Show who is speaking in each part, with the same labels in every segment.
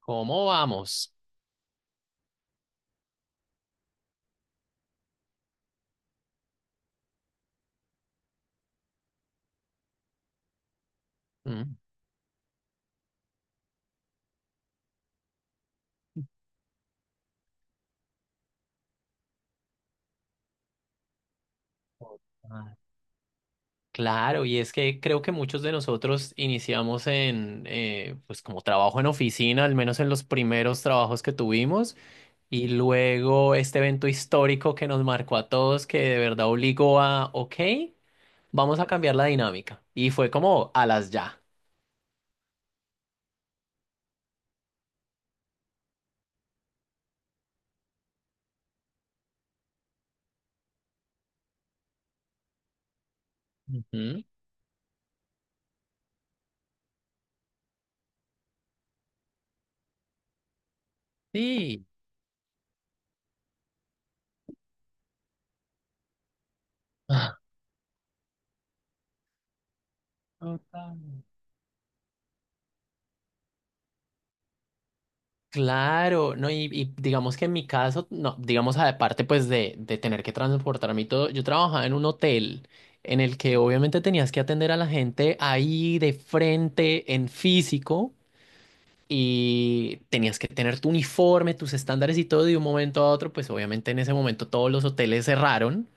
Speaker 1: ¿Cómo vamos? Mm. Ah, claro, y es que creo que muchos de nosotros iniciamos en, pues como trabajo en oficina, al menos en los primeros trabajos que tuvimos, y luego este evento histórico que nos marcó a todos, que de verdad obligó a, ok, vamos a cambiar la dinámica. Y fue como a las ya. Ujú. Sí. Ah. Total. Claro, no, y digamos que en mi caso, no, digamos aparte pues de tener que transportarme y todo, yo trabajaba en un hotel en el que obviamente tenías que atender a la gente ahí de frente, en físico, y tenías que tener tu uniforme, tus estándares y todo, y de un momento a otro, pues obviamente en ese momento todos los hoteles cerraron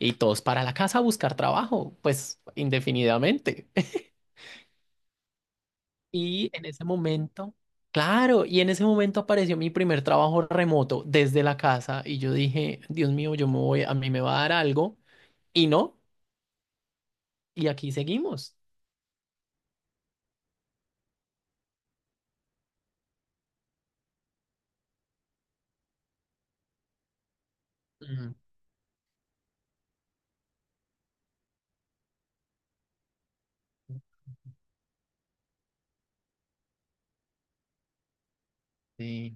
Speaker 1: y todos para la casa a buscar trabajo, pues indefinidamente. Y en ese momento, claro, y en ese momento apareció mi primer trabajo remoto desde la casa y yo dije, Dios mío, yo me voy, a mí me va a dar algo. Y no, y aquí seguimos. Mm, sí.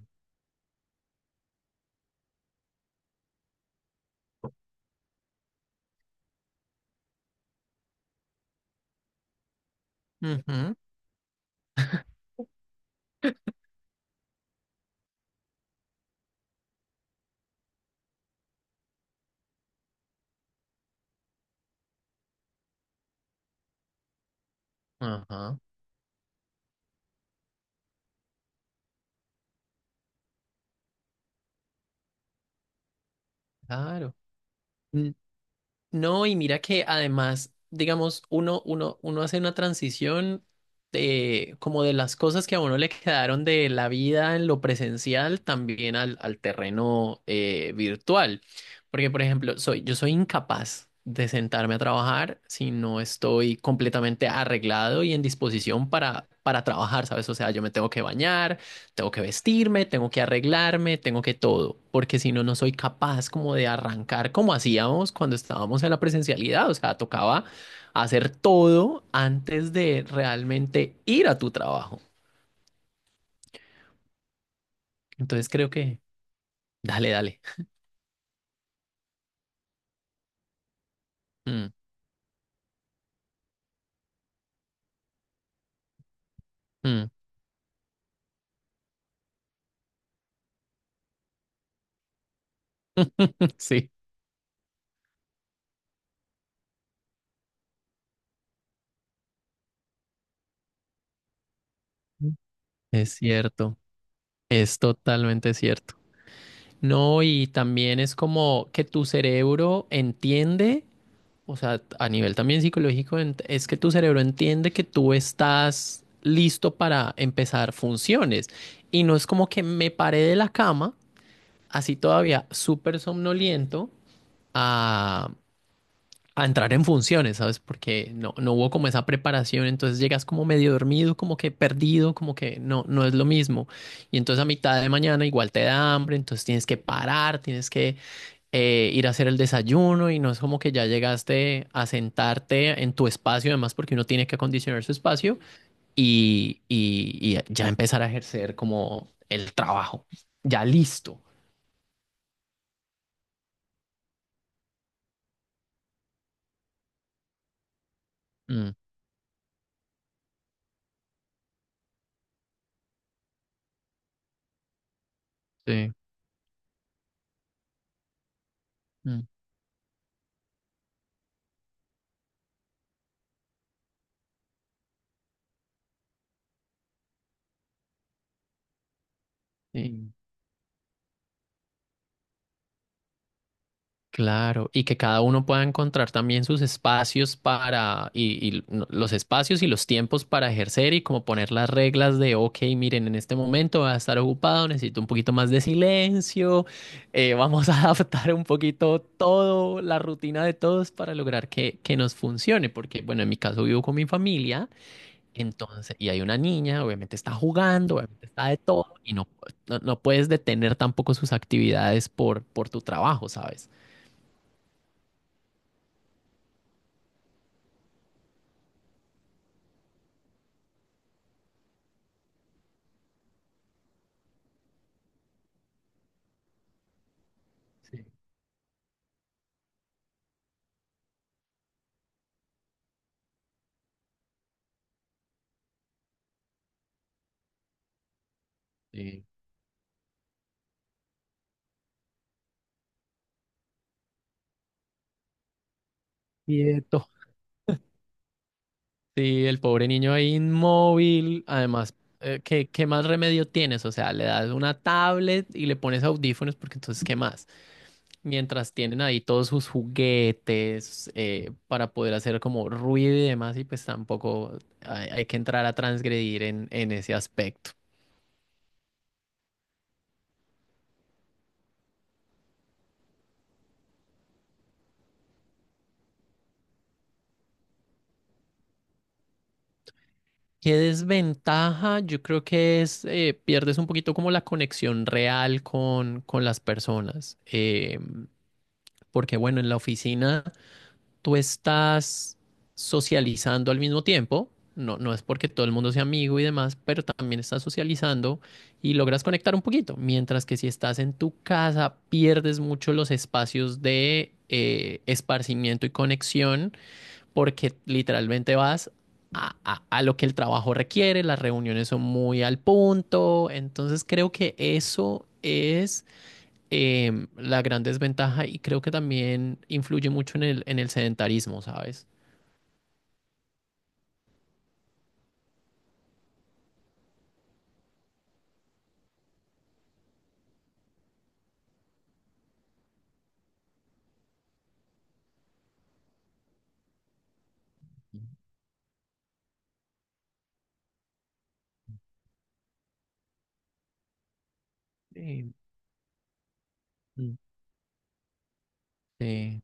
Speaker 1: Ujú, ajá, claro. No, y mira que además, digamos, uno hace una transición de como de las cosas que a uno le quedaron de la vida en lo presencial también al terreno virtual. Porque, por ejemplo, yo soy incapaz de sentarme a trabajar si no estoy completamente arreglado y en disposición para trabajar, ¿sabes? O sea, yo me tengo que bañar, tengo que vestirme, tengo que arreglarme, tengo que todo, porque si no, no soy capaz como de arrancar como hacíamos cuando estábamos en la presencialidad. O sea, tocaba hacer todo antes de realmente ir a tu trabajo. Entonces creo que, dale, dale. Mm, mm. Sí, es cierto, es totalmente cierto. No, y también es como que tu cerebro entiende. O sea, a nivel también psicológico, es que tu cerebro entiende que tú estás listo para empezar funciones. Y no es como que me paré de la cama, así todavía súper somnoliento, a, a entrar en funciones, ¿sabes? Porque no hubo como esa preparación, entonces llegas como medio dormido, como que perdido, como que no es lo mismo. Y entonces a mitad de mañana igual te da hambre, entonces tienes que parar, tienes que ir a hacer el desayuno y no es como que ya llegaste a sentarte en tu espacio, además porque uno tiene que acondicionar su espacio y ya empezar a ejercer como el trabajo, ya listo. Mm, sí, mm, sí. Claro, y que cada uno pueda encontrar también sus espacios para, los espacios y los tiempos para ejercer y como poner las reglas de, ok, miren, en este momento va a estar ocupado, necesito un poquito más de silencio, vamos a adaptar un poquito todo, la rutina de todos para lograr que nos funcione, porque bueno, en mi caso vivo con mi familia, entonces, y hay una niña, obviamente está jugando, obviamente está de todo, y no puedes detener tampoco sus actividades por tu trabajo, ¿sabes? Sí, quieto. Sí, el pobre niño ahí inmóvil. Además, ¿qué más remedio tienes? O sea, le das una tablet y le pones audífonos, porque entonces, ¿qué más? Mientras tienen ahí todos sus juguetes para poder hacer como ruido y demás, y pues tampoco hay que entrar a transgredir en ese aspecto. ¿Qué desventaja? Yo creo que es, pierdes un poquito como la conexión real con las personas. Porque bueno, en la oficina... tú estás socializando al mismo tiempo. No, no es porque todo el mundo sea amigo y demás, pero también estás socializando y logras conectar un poquito. Mientras que si estás en tu casa, pierdes mucho los espacios de esparcimiento y conexión porque literalmente vas a lo que el trabajo requiere, las reuniones son muy al punto. Entonces creo que eso es la gran desventaja y creo que también influye mucho en el sedentarismo, ¿sabes? Sí. Mm. Sí.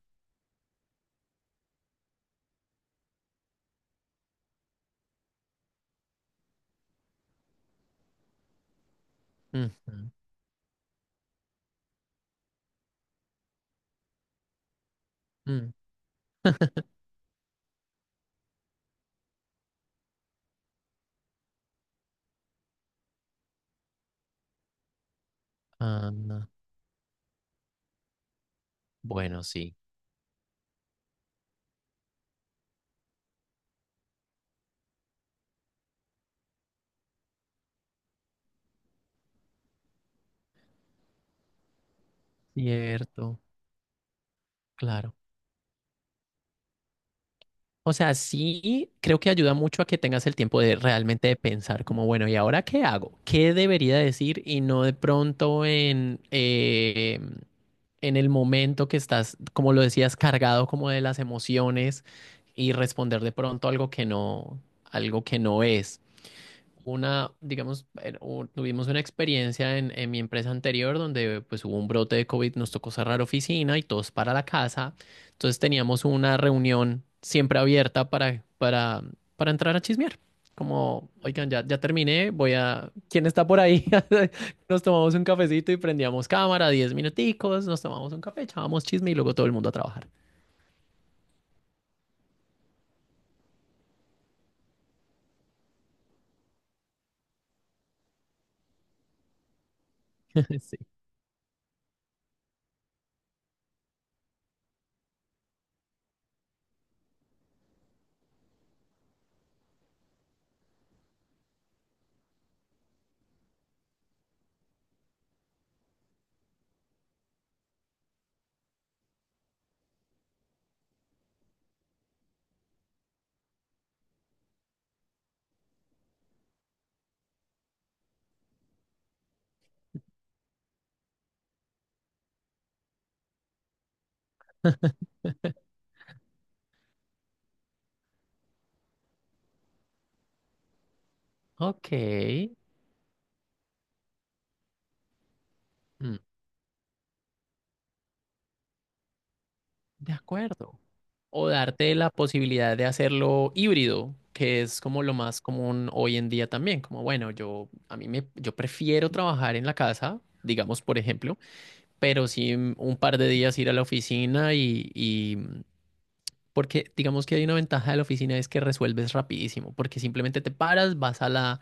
Speaker 1: Ujú, mm. Ah, no. Bueno, sí. Cierto, claro. O sea, sí, creo que ayuda mucho a que tengas el tiempo de realmente de pensar como, bueno, ¿y ahora qué hago? ¿Qué debería decir? Y no de pronto en el momento que estás, como lo decías, cargado como de las emociones y responder de pronto algo que no es una, digamos. Tuvimos una experiencia en mi empresa anterior donde pues hubo un brote de COVID, nos tocó cerrar oficina y todos para la casa. Entonces teníamos una reunión siempre abierta para entrar a chismear. Como, oigan, ya, ya terminé, voy a... ¿Quién está por ahí? Nos tomamos un cafecito y prendíamos cámara, 10 minuticos, nos tomamos un café, echábamos chisme y luego todo el mundo a trabajar. Sí. Ok. Mm, de acuerdo. O darte la posibilidad de hacerlo híbrido, que es como lo más común hoy en día también, como bueno, yo a mí me yo prefiero trabajar en la casa, digamos por ejemplo, pero sí un par de días ir a la oficina y porque digamos que hay una ventaja de la oficina es que resuelves rapidísimo, porque simplemente te paras, vas a la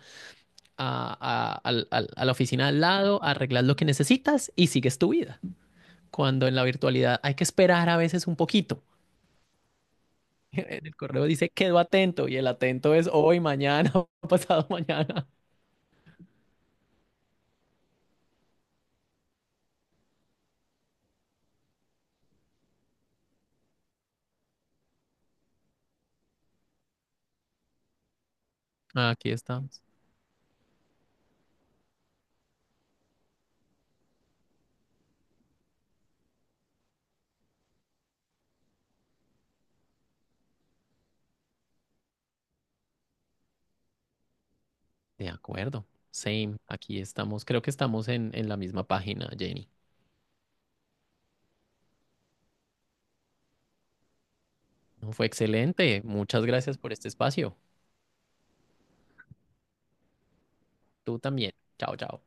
Speaker 1: a al- al- a la oficina al lado, arreglas lo que necesitas y sigues tu vida. Cuando en la virtualidad hay que esperar a veces un poquito. En el correo dice, quedo atento, y el atento es hoy, mañana, pasado mañana. Aquí estamos. De acuerdo. Same. Aquí estamos. Creo que estamos en la misma página, Jenny. No, fue excelente. Muchas gracias por este espacio. Tú también. Chao, chao.